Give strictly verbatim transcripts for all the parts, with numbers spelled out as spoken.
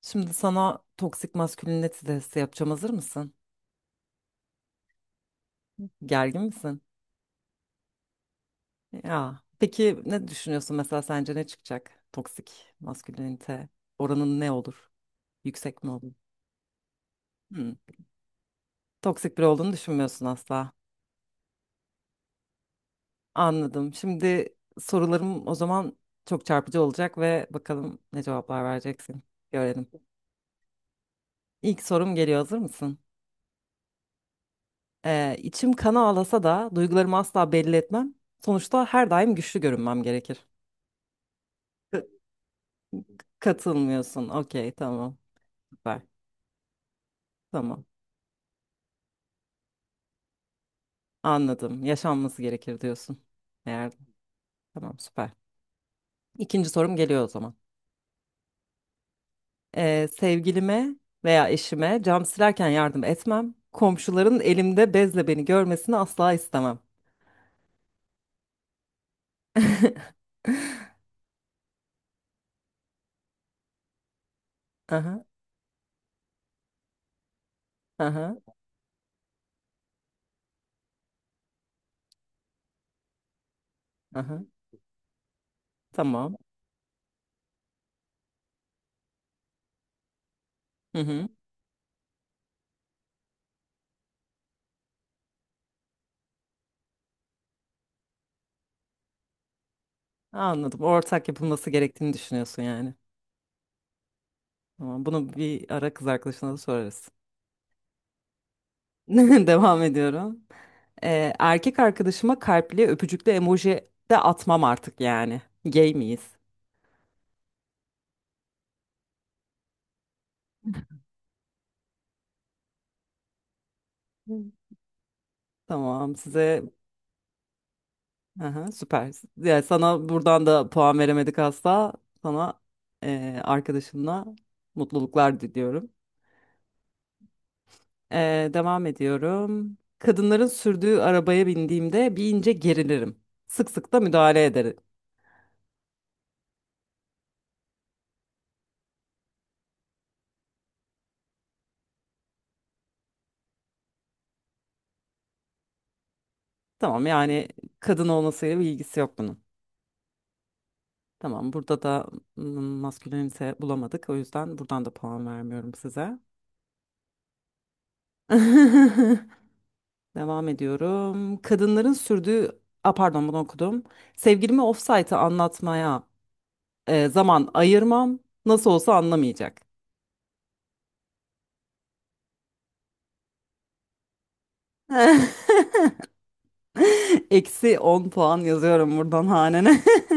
Şimdi sana toksik maskülinite testi yapacağım. Hazır mısın? Gergin misin? Ya. Peki ne düşünüyorsun mesela sence ne çıkacak? Toksik maskülinite oranın ne olur? Yüksek mi olur? Hmm. Toksik biri olduğunu düşünmüyorsun asla. Anladım. Şimdi sorularım o zaman çok çarpıcı olacak ve bakalım ne cevaplar vereceksin. Görelim. İlk sorum geliyor. Hazır mısın? Ee, içim kana ağlasa da duygularımı asla belli etmem. Sonuçta her daim güçlü görünmem gerekir. Katılmıyorsun. Okey, tamam. Süper. Tamam. Anladım. Yaşanması gerekir diyorsun. Eğer tamam, süper. İkinci sorum geliyor o zaman. Ee, sevgilime veya eşime cam silerken yardım etmem. Komşuların elimde bezle beni görmesini asla istemem. Aha, aha, aha. Tamam. Hı hı. Anladım. Ortak yapılması gerektiğini düşünüyorsun yani. Tamam. Bunu bir ara kız arkadaşına da sorarız. Devam ediyorum. Ee, erkek arkadaşıma kalpli öpücüklü emoji de atmam artık yani. Gay miyiz? Hı. Tamam, size aha, süper. Ya sana buradan da puan veremedik asla. Sana e, arkadaşınla mutluluklar diliyorum. E, devam ediyorum. Kadınların sürdüğü arabaya bindiğimde bir ince gerilirim. Sık sık da müdahale ederim. Tamam, yani kadın olmasıyla bir ilgisi yok bunun. Tamam, burada da mm, maskülenite bulamadık. O yüzden buradan da puan vermiyorum size. Devam ediyorum. Kadınların sürdüğü, a pardon, bunu okudum. Sevgilimi ofsaytı anlatmaya e, zaman ayırmam. Nasıl olsa anlamayacak. Eksi on puan yazıyorum buradan hanene.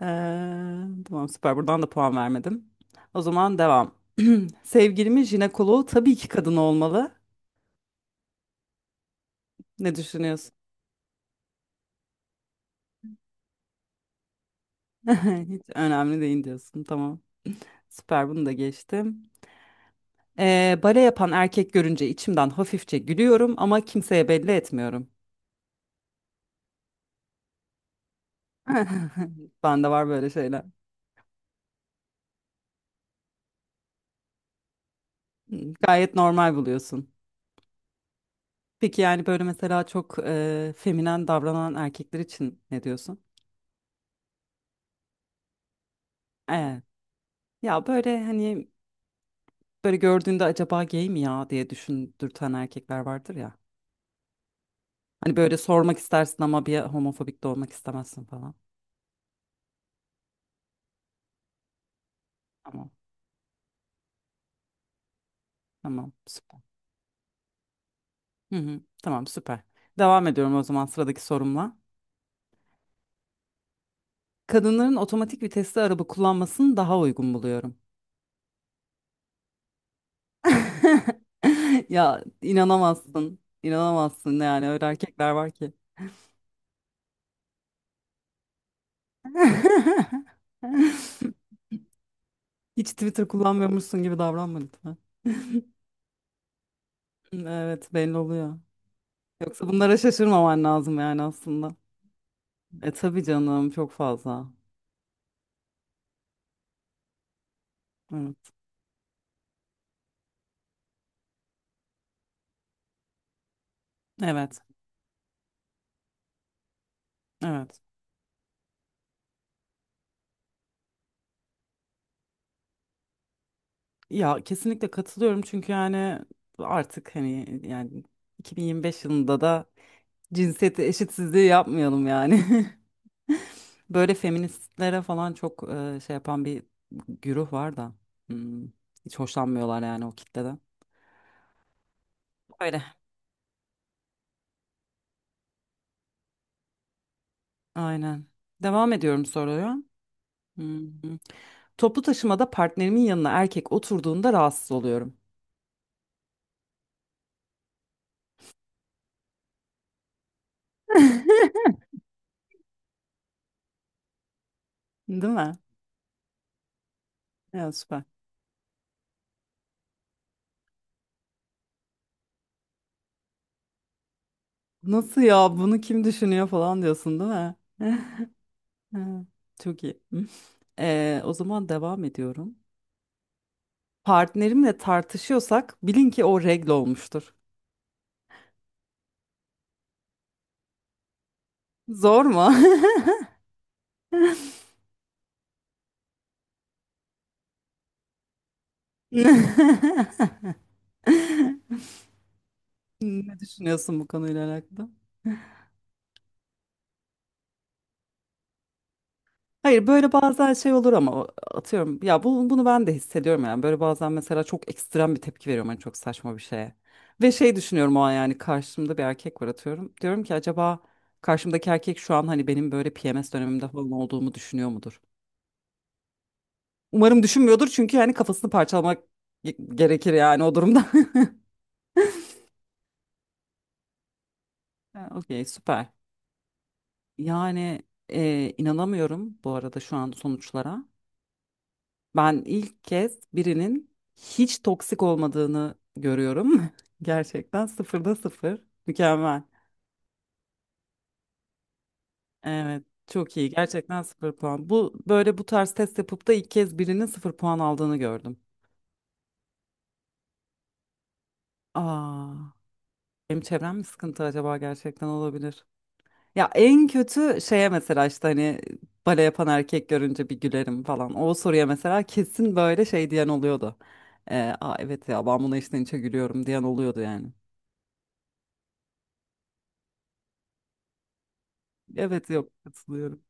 Eee, tamam, süper, buradan da puan vermedim. O zaman devam. Sevgilimin jinekoloğu tabii ki kadın olmalı. Ne düşünüyorsun? Hiç önemli değil diyorsun. Tamam. Süper, bunu da geçtim. Ee, bale yapan erkek görünce içimden hafifçe gülüyorum ama kimseye belli etmiyorum. Bende var böyle şeyler. Hmm, gayet normal buluyorsun. Peki yani böyle mesela çok e, feminen davranan erkekler için ne diyorsun? Evet. Ya böyle hani böyle gördüğünde acaba gay mi ya diye düşündürten erkekler vardır ya. Hani böyle sormak istersin ama bir homofobik de olmak istemezsin falan. Tamam. Tamam. Hı hı, tamam, süper. Devam ediyorum o zaman sıradaki sorumla. Kadınların otomatik vitesli araba kullanmasını daha uygun buluyorum. Ya inanamazsın. İnanamazsın yani öyle erkekler var ki. Hiç Twitter kullanmıyormuşsun gibi davranma lütfen. Evet, belli oluyor. Yoksa bunlara şaşırmaman lazım yani aslında. E tabii canım, çok fazla. Evet. Evet. Evet. Ya kesinlikle katılıyorum çünkü yani artık hani yani iki bin yirmi beş yılında da cinsiyet eşitsizliği yapmayalım yani. Böyle feministlere falan çok e, şey yapan bir güruh var da hmm, hiç hoşlanmıyorlar yani o kitleden. Öyle. Aynen. Devam ediyorum soruya. Hmm. Toplu taşımada partnerimin yanına erkek oturduğunda rahatsız oluyorum. Değil mi? Ya süper. Nasıl ya, bunu kim düşünüyor falan diyorsun değil mi? Ha, çok iyi. Hı. Ee, o zaman devam ediyorum. Partnerimle tartışıyorsak bilin ki o regl olmuştur. Zor mu? Ne düşünüyorsun bu konuyla alakalı? Hayır, böyle bazen şey olur ama o- atıyorum ya bu, bunu ben de hissediyorum yani böyle bazen mesela çok ekstrem bir tepki veriyorum hani çok saçma bir şeye. Ve şey düşünüyorum o an yani karşımda bir erkek var atıyorum. Diyorum ki acaba karşımdaki erkek şu an hani benim böyle P M S dönemimde falan olduğumu düşünüyor mudur? Umarım düşünmüyordur çünkü yani kafasını parçalamak ge- gerekir yani o durumda. Ha, okey, süper. Yani e, inanamıyorum bu arada şu an sonuçlara. Ben ilk kez birinin hiç toksik olmadığını görüyorum. Gerçekten sıfırda sıfır. Mükemmel. Evet, çok iyi, gerçekten sıfır puan. Bu böyle bu tarz test yapıp da ilk kez birinin sıfır puan aldığını gördüm. Aa, benim çevrem mi sıkıntı acaba, gerçekten olabilir. Ya en kötü şeye mesela işte hani bale yapan erkek görünce bir gülerim falan. O soruya mesela kesin böyle şey diyen oluyordu. Ee, Aa, evet ya ben buna içten içe gülüyorum diyen oluyordu yani. Evet, yok, katılıyorum.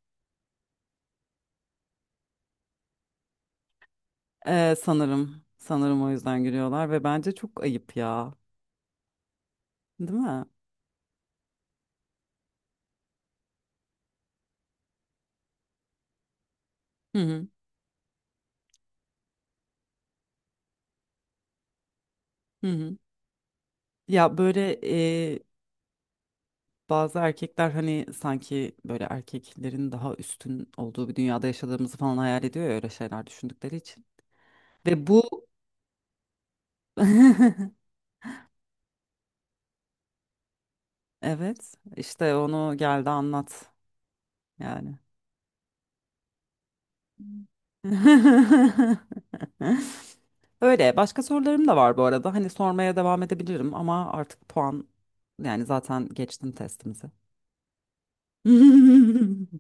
Ee, sanırım sanırım o yüzden gülüyorlar ve bence çok ayıp ya. Değil mi? Hı hı. Hı hı. Ya böyle e, bazı erkekler hani sanki böyle erkeklerin daha üstün olduğu bir dünyada yaşadığımızı falan hayal ediyor ya öyle şeyler düşündükleri için. Ve bu evet, işte onu geldi anlat yani. Öyle. Başka sorularım da var bu arada. Hani sormaya devam edebilirim ama artık puan yani zaten geçtim testimizi.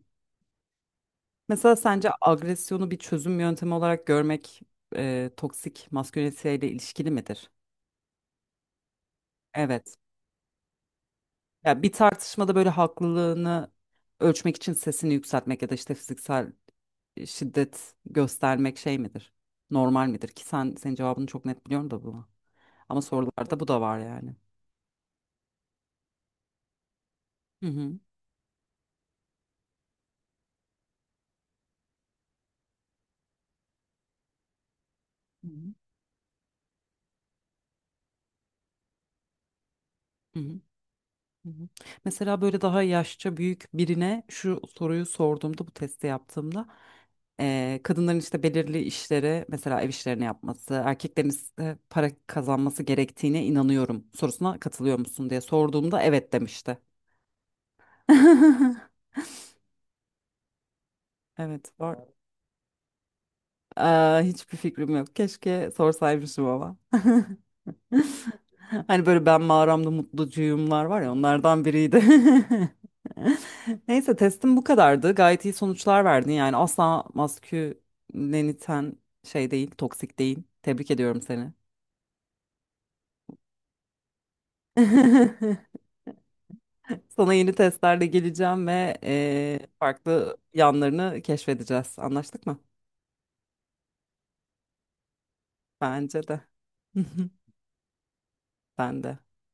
Mesela sence agresyonu bir çözüm yöntemi olarak görmek e, toksik masküleniteyle ilişkili midir? Evet. Ya bir tartışmada böyle haklılığını ölçmek için sesini yükseltmek ya da işte fiziksel e, şiddet göstermek şey midir? Normal midir? Ki sen senin cevabını çok net biliyorum da bu. Ama sorularda bu da var yani. Hı hı. Hı hı. Hı hı. Hı hı. Mesela böyle daha yaşça büyük birine şu soruyu sorduğumda bu testi yaptığımda eee, kadınların işte belirli işleri mesela ev işlerini yapması erkeklerin ise para kazanması gerektiğine inanıyorum sorusuna katılıyor musun diye sorduğumda evet demişti. Evet, var. Aa, hiçbir fikrim yok. Keşke sorsaymışım ama. Hani böyle ben mağaramda mutlucuyumlar var ya, onlardan biriydi. Neyse, testim bu kadardı. Gayet iyi sonuçlar verdin. Yani asla masküleniten şey değil, toksik değil. Tebrik ediyorum seni. Sana yeni testlerle geleceğim ve eee, farklı yanlarını keşfedeceğiz. Anlaştık mı? Bence de. Ben de.